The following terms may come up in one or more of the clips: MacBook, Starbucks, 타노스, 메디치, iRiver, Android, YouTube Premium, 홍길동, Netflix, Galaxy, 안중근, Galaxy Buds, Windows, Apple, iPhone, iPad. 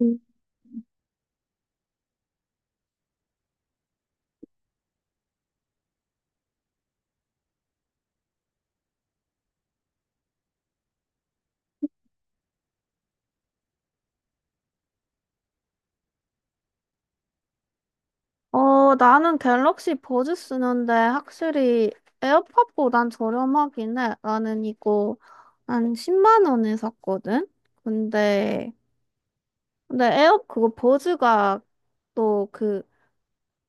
음. 어, 나는 갤럭시 버즈 쓰는데 확실히 에어팟보단 저렴하긴 해. 나는 이거 한 10만 원에 샀거든? 근데, 근데, 그거 버즈가 또 그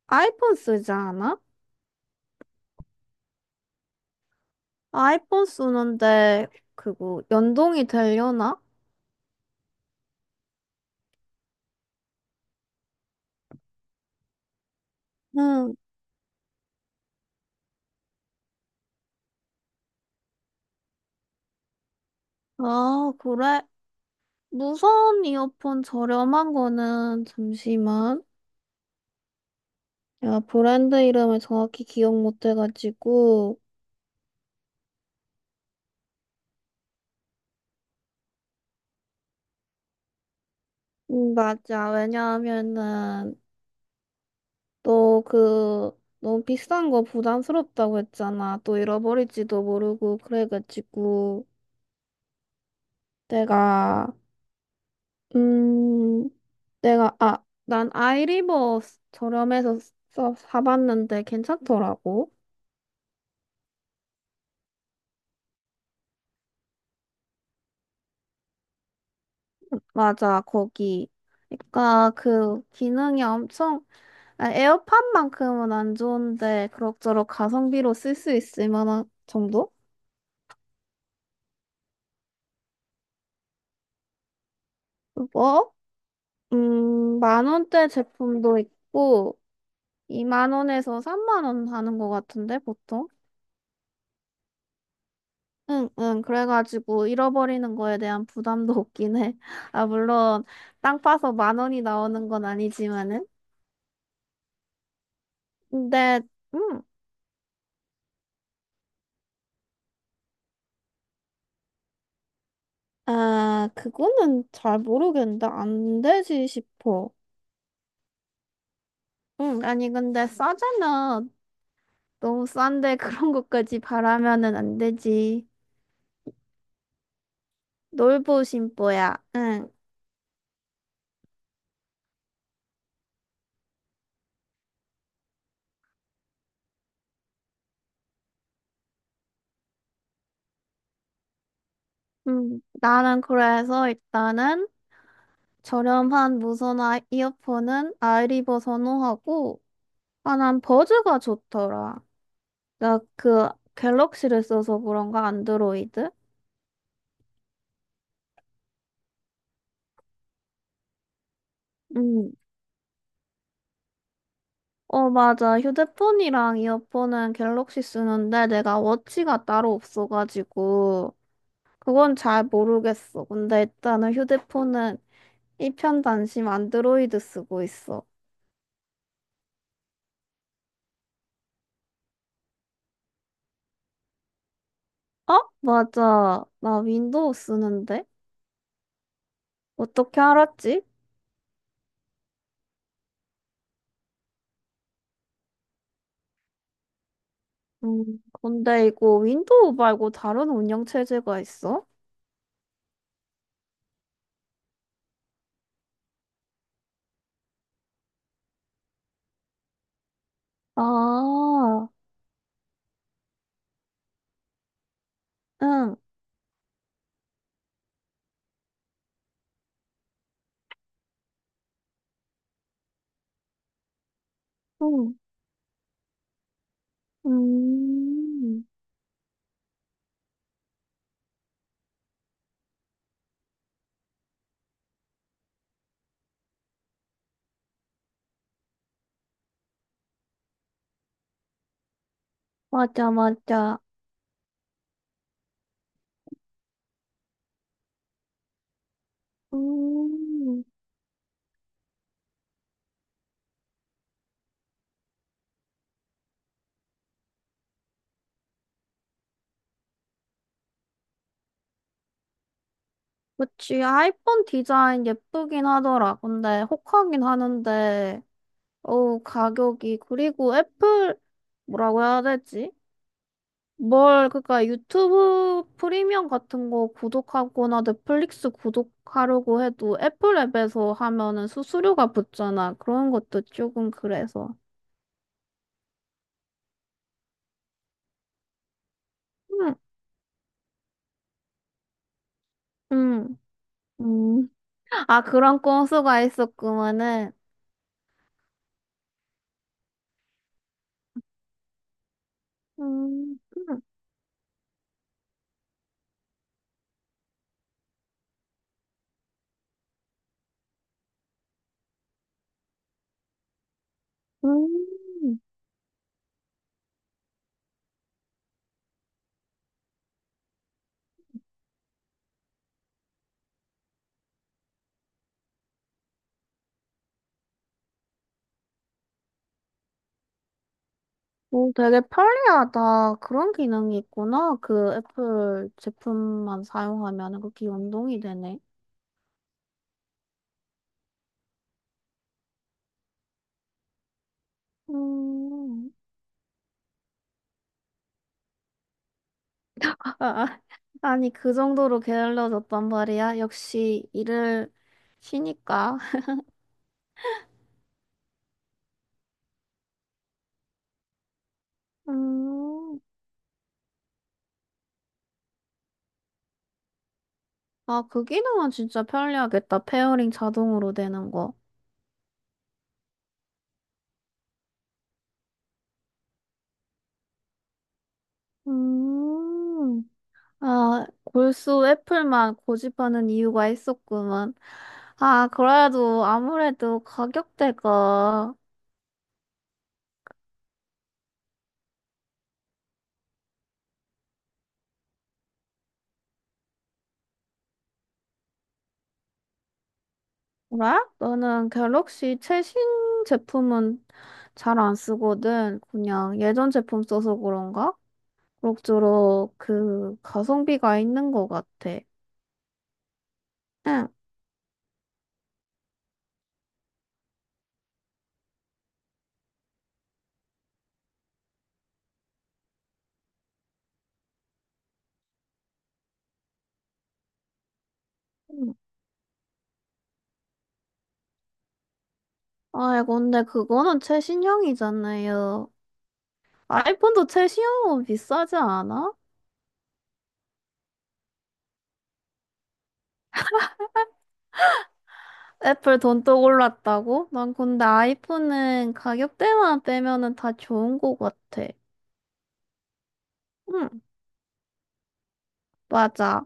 아이폰 쓰지 않아? 아이폰 쓰는데 그거 연동이 되려나? 응. 아, 그래. 무선 이어폰 저렴한 거는 잠시만. 내가 브랜드 이름을 정확히 기억 못 해가지고. 맞아. 왜냐하면은 또 그 너무 비싼 거 부담스럽다고 했잖아. 또 잃어버릴지도 모르고 그래가지고 내가 음 내가 아 난 아이리버 저렴해서 사봤는데 괜찮더라고. 맞아, 거기. 그러니까 그 기능이 엄청. 아, 에어팟만큼은 안 좋은데 그럭저럭 가성비로 쓸 수 있을 만한 정도? 뭐? 만 원대 제품도 있고, 2만 원에서 3만 원 하는 것 같은데, 보통? 응, 응, 그래가지고 잃어버리는 거에 대한 부담도 없긴 해. 아, 물론, 땅 파서 만 원이 나오는 건 아니지만은. 근데, 음, 아, 그거는 잘 모르겠는데, 안 되지 싶어. 응, 아니, 근데 싸잖아. 너무 싼데 그런 것까지 바라면은 안 되지. 놀부 심보야. 응. 나는 그래서 일단은 저렴한 무선 이어폰은 아이리버 선호하고, 아, 난 버즈가 좋더라. 나 그 갤럭시를 써서 그런가, 안드로이드? 음, 어, 맞아. 휴대폰이랑 이어폰은 갤럭시 쓰는데 내가 워치가 따로 없어가지고, 그건 잘 모르겠어. 근데 일단은 휴대폰은 이편단심 안드로이드 쓰고 있어. 어? 맞아. 나 윈도우 쓰는데? 어떻게 알았지? 근데 이거 윈도우 말고 다른 운영 체제가 있어? 아, 응, 응, 음, 맞아, 맞아. 음, 그치. 아이폰 디자인 예쁘긴 하더라. 근데 혹하긴 하는데, 어우, 가격이. 그리고 애플, 뭐라고 해야 되지? 뭘, 그니까 유튜브 프리미엄 같은 거 구독하거나 넷플릭스 구독하려고 해도 애플 앱에서 하면은 수수료가 붙잖아. 그런 것도 조금 그래서. 응, 응, 응. 아, 그런 꼼수가 있었구만은. 응 음. 오, 되게 편리하다. 그런 기능이 있구나. 그 애플 제품만 사용하면은 그게 연동이 되네. 음. 아, 아. 아니, 그 정도로 게을러졌단 말이야. 역시 일을 쉬니까. 음, 아, 그 기능은 진짜 편리하겠다. 페어링 자동으로 되는 거. 음, 아, 골수 애플만 고집하는 이유가 있었구만. 아, 그래도 아무래도 가격대가, 뭐라? 나는 갤럭시 최신 제품은 잘 안 쓰거든. 그냥 예전 제품 써서 그런가? 그럭저럭 그 가성비가 있는 것 같아. 응. 음. 아이, 근데 그거는 최신형이잖아요. 아이폰도 최신형은 비싸지 않아? 애플 돈또 올랐다고? 난 근데 아이폰은 가격대만 빼면은 다 좋은 것 같아. 응, 맞아.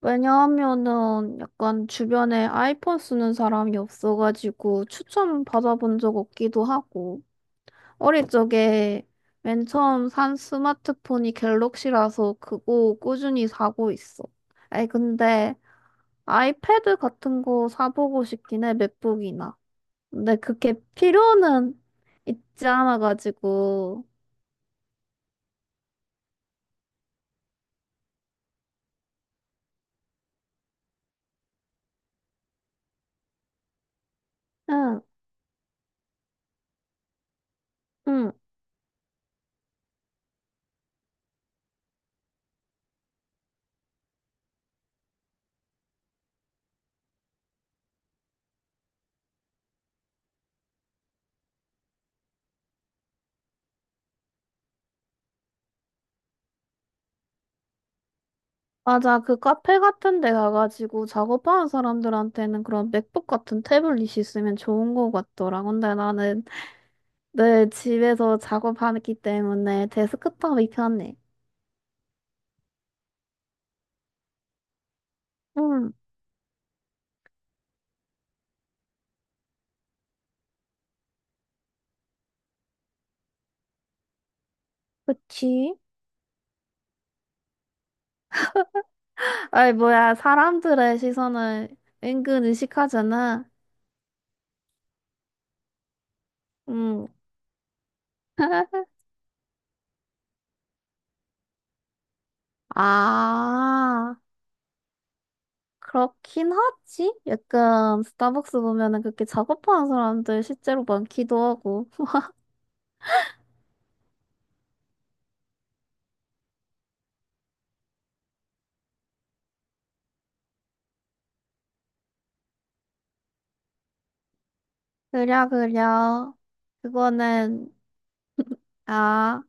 왜냐하면은 약간 주변에 아이폰 쓰는 사람이 없어가지고 추천 받아본 적 없기도 하고. 어릴 적에 맨 처음 산 스마트폰이 갤럭시라서 그거 꾸준히 사고 있어. 아니, 근데 아이패드 같은 거 사보고 싶긴 해, 맥북이나. 근데 그게 필요는 있지 않아가지고. 응, 응. 맞아. 그 카페 같은 데 가가지고 작업하는 사람들한테는 그런 맥북 같은 태블릿이 있으면 좋은 거 같더라. 근데 나는 늘 집에서 작업하기 때문에 데스크탑이 편해. 응. 그치? 아이, 뭐야, 사람들의 시선을 은근 의식하잖아. 음. 아, 그렇긴 하지. 약간 스타벅스 보면은 그렇게 작업하는 사람들 실제로 많기도 하고. 그려, 그려. 그거는, 아.